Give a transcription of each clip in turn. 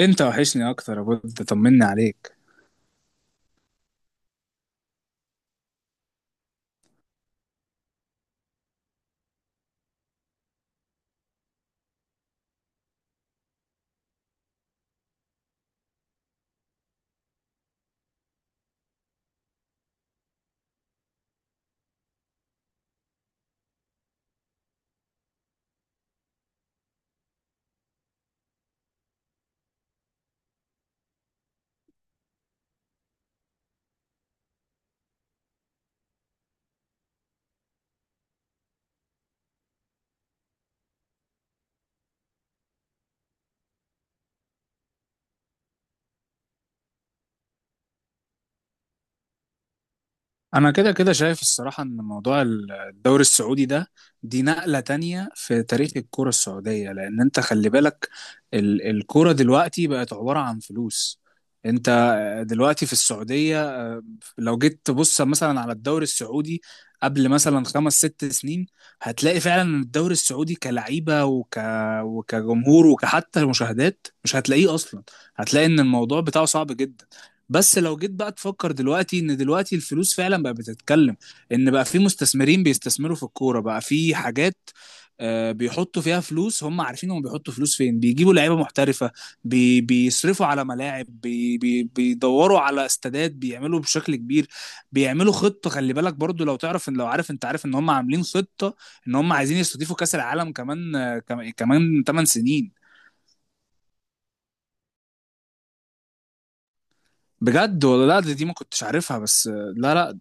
انت وحشني اكتر يا بود، طمني عليك. انا كده كده شايف الصراحة ان موضوع الدوري السعودي ده دي نقلة تانية في تاريخ الكرة السعودية، لان انت خلي بالك الكرة دلوقتي بقت عبارة عن فلوس. انت دلوقتي في السعودية. لو جيت تبص مثلا على الدوري السعودي قبل مثلا خمس ست سنين، هتلاقي فعلا ان الدوري السعودي كلعيبة وكجمهور وكحتى مشاهدات مش هتلاقيه اصلا. هتلاقي ان الموضوع بتاعه صعب جدا. بس لو جيت بقى تفكر دلوقتي ان دلوقتي الفلوس فعلا بقى بتتكلم، ان بقى في مستثمرين بيستثمروا في الكوره، بقى في حاجات بيحطوا فيها فلوس. هم عارفين هم بيحطوا فلوس فين، بيجيبوا لعيبه محترفه، بيصرفوا على ملاعب، بي بي بيدوروا على استادات، بيعملوا بشكل كبير. بيعملوا خطه. خلي بالك برضو، لو تعرف ان لو عارف انت عارف ان هم عاملين خطه ان هم عايزين يستضيفوا كاس العالم كمان، كمان 8 سنين. بجد ولا لا؟ دي ما كنتش عارفها بس. لا لا،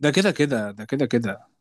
ده كده كده ده كده كده.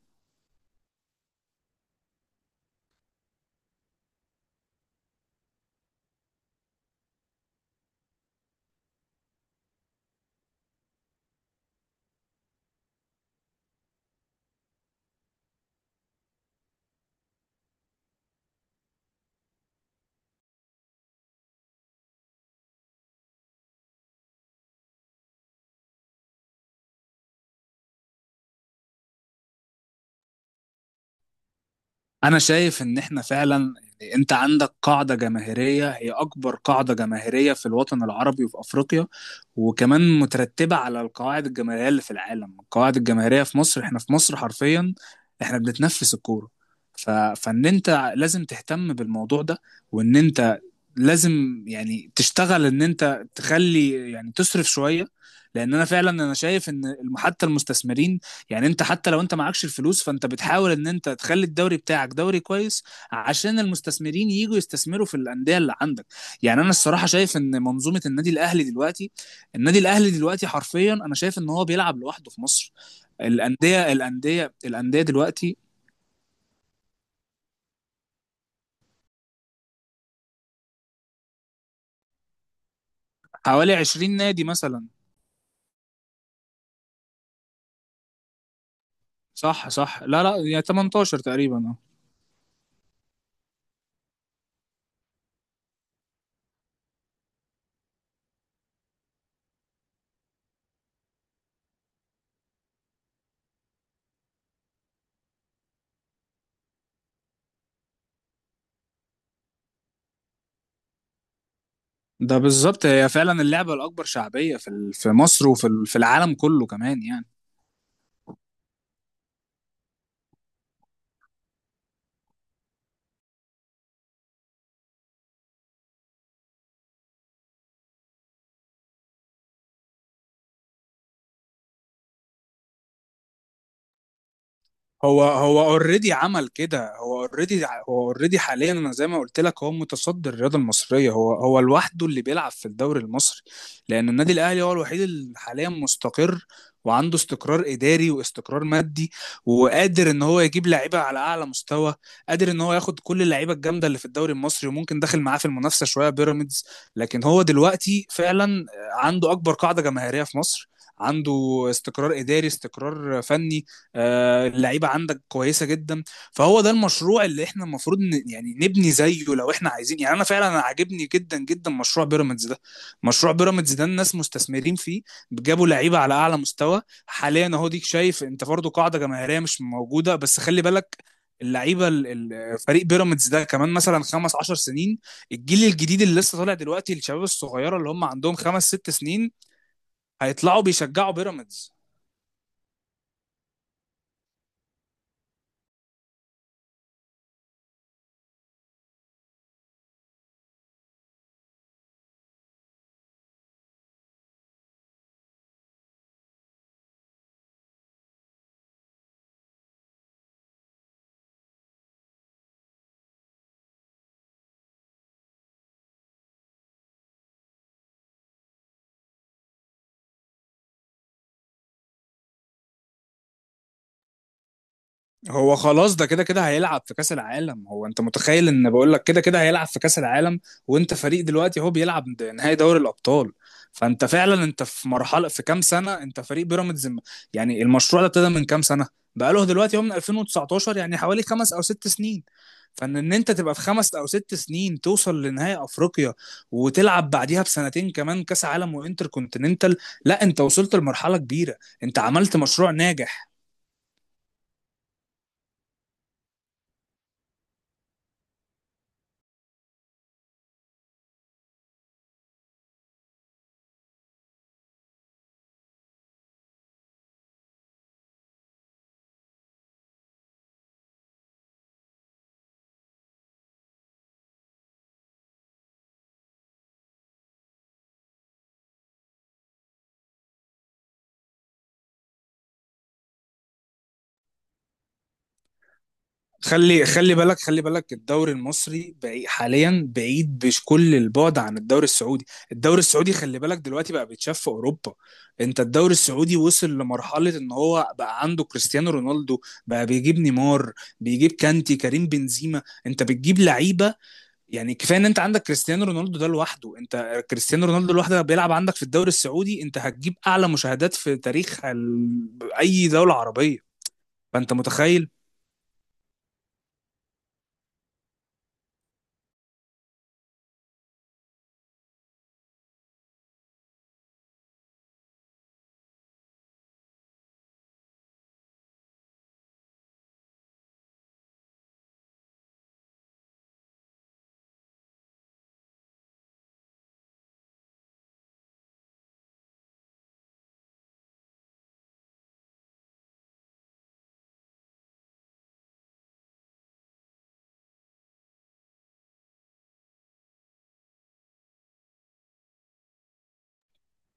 انا شايف ان احنا فعلا، يعني انت عندك قاعدة جماهيرية هي اكبر قاعدة جماهيرية في الوطن العربي وفي افريقيا، وكمان مترتبة على القواعد الجماهيرية اللي في العالم. القواعد الجماهيرية في مصر، احنا في مصر حرفيا احنا بنتنفس الكورة. فان انت لازم تهتم بالموضوع ده، وان انت لازم يعني تشتغل ان انت تخلي يعني تصرف شويه. لان انا فعلا انا شايف ان حتى المستثمرين، يعني انت حتى لو انت معكش الفلوس، فانت بتحاول ان انت تخلي الدوري بتاعك دوري كويس عشان المستثمرين يجوا يستثمروا في الانديه اللي عندك. يعني انا الصراحه شايف ان منظومه النادي الاهلي دلوقتي، النادي الاهلي دلوقتي حرفيا انا شايف ان هو بيلعب لوحده في مصر. الانديه دلوقتي حوالي 20 نادي مثلا. صح صح، لا لا، يعني 18 تقريبا. ده بالظبط هي فعلا اللعبة الأكبر شعبية في مصر في العالم كله كمان يعني. هو اوريدي عمل كده. هو اوريدي حاليا. انا زي ما قلت لك هو متصدر الرياضه المصريه. هو لوحده اللي بيلعب في الدوري المصري، لان النادي الاهلي هو الوحيد اللي حاليا مستقر، وعنده استقرار اداري واستقرار مادي، وقادر ان هو يجيب لعيبه على اعلى مستوى. قادر ان هو ياخد كل اللعيبه الجامده اللي في الدوري المصري، وممكن داخل معاه في المنافسه شويه بيراميدز. لكن هو دلوقتي فعلا عنده اكبر قاعده جماهيريه في مصر، عنده استقرار اداري، استقرار فني. اللعيبه عندك كويسه جدا. فهو ده المشروع اللي احنا المفروض يعني نبني زيه لو احنا عايزين. يعني انا فعلا أنا عاجبني جدا جدا مشروع بيراميدز ده. مشروع بيراميدز ده الناس مستثمرين فيه. جابوا لعيبه على اعلى مستوى حاليا اهو. ديك شايف انت برضه قاعده جماهيريه مش موجوده، بس خلي بالك، اللعيبه ال- فريق بيراميدز ده كمان مثلا 15 سنين، الجيل الجديد اللي لسه طالع دلوقتي، الشباب الصغيره اللي هم عندهم خمس ست سنين هيطلعوا بيشجعوا بيراميدز. هو خلاص ده كده كده هيلعب في كأس العالم. هو انت متخيل ان بقول لك كده كده هيلعب في كأس العالم. وانت فريق دلوقتي هو بيلعب نهائي دوري الأبطال. فانت فعلا انت في مرحلة في كام سنة. انت فريق بيراميدز يعني المشروع ده ابتدى من كام سنة؟ بقاله دلوقتي هو من 2019، يعني حوالي خمس او ست سنين. فان ان انت تبقى في خمس او ست سنين توصل لنهائي افريقيا، وتلعب بعديها بسنتين كمان كاس عالم وانتر كونتيننتال. لا انت وصلت لمرحله كبيره. انت عملت مشروع ناجح. خلي بالك الدوري المصري بعيد حاليا، بعيد بكل البعد عن الدوري السعودي. الدوري السعودي خلي بالك دلوقتي بقى بيتشاف في اوروبا. انت الدوري السعودي وصل لمرحلة ان هو بقى عنده كريستيانو رونالدو، بقى بيجيب نيمار، بيجيب كانتي، كريم بنزيما. انت بتجيب لعيبة. يعني كفاية ان انت عندك كريستيانو رونالدو ده لوحده. انت كريستيانو رونالدو لوحده بيلعب عندك في الدوري السعودي، انت هتجيب اعلى مشاهدات في تاريخ اي دولة عربية. فانت متخيل.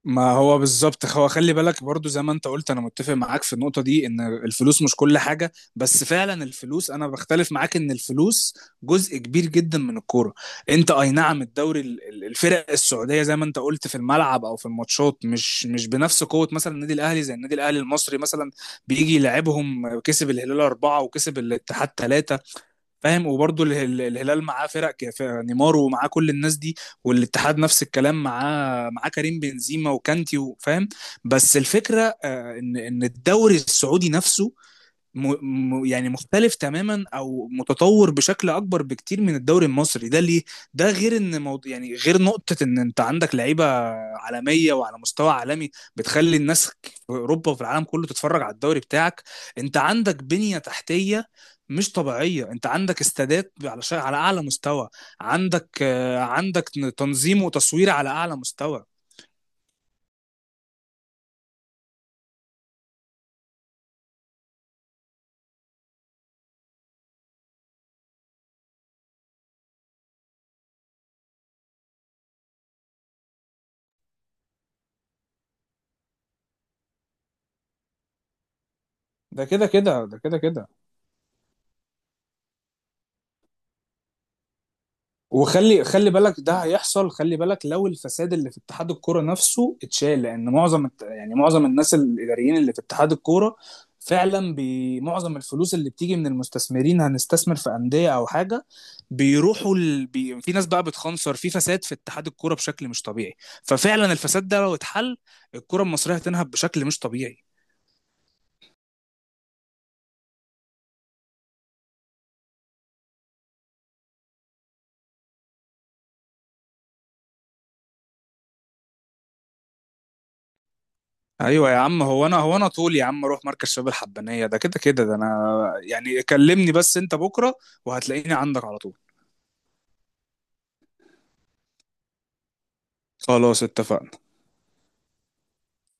ما هو بالظبط. هو خلي بالك برضو، زي ما انت قلت انا متفق معاك في النقطة دي ان الفلوس مش كل حاجة، بس فعلا الفلوس انا بختلف معاك ان الفلوس جزء كبير جدا من الكورة. انت اي نعم الدوري الفرق السعودية زي ما انت قلت في الملعب او في الماتشات مش بنفس قوة مثلا النادي الاهلي، زي النادي الاهلي المصري مثلا، بيجي يلعبهم كسب الهلال أربعة وكسب الاتحاد ثلاثة. فاهم؟ وبرضه الهلال معاه فرق نيمار ومعاه كل الناس دي. والاتحاد نفس الكلام معاه كريم بنزيما وكانتي فاهم. بس الفكره، ان الدوري السعودي نفسه م... يعني مختلف تماما او متطور بشكل اكبر بكتير من الدوري المصري، ده ليه؟ ده غير ان موضوع، يعني غير نقطة ان انت عندك لعيبة عالمية وعلى مستوى عالمي، بتخلي الناس في اوروبا وفي العالم كله تتفرج على الدوري بتاعك. انت عندك بنية تحتية مش طبيعية. انت عندك استادات على اعلى مستوى. عندك تنظيم وتصوير على اعلى مستوى. ده كده كده ده كده كده. وخلي بالك ده هيحصل. خلي بالك لو الفساد اللي في اتحاد الكوره نفسه اتشال، لان معظم يعني معظم الناس الاداريين اللي في اتحاد الكوره فعلا معظم الفلوس اللي بتيجي من المستثمرين هنستثمر في انديه او حاجه، بيروحوا في ناس بقى بتخنصر في فساد في اتحاد الكوره بشكل مش طبيعي. ففعلا الفساد ده لو اتحل، الكوره المصريه هتنهب بشكل مش طبيعي. ايوه يا عم. هو انا طول يا عم اروح مركز شباب الحبانيه. ده كده كده ده انا. يعني كلمني بس انت بكره، وهتلاقيني عندك على طول. خلاص اتفقنا.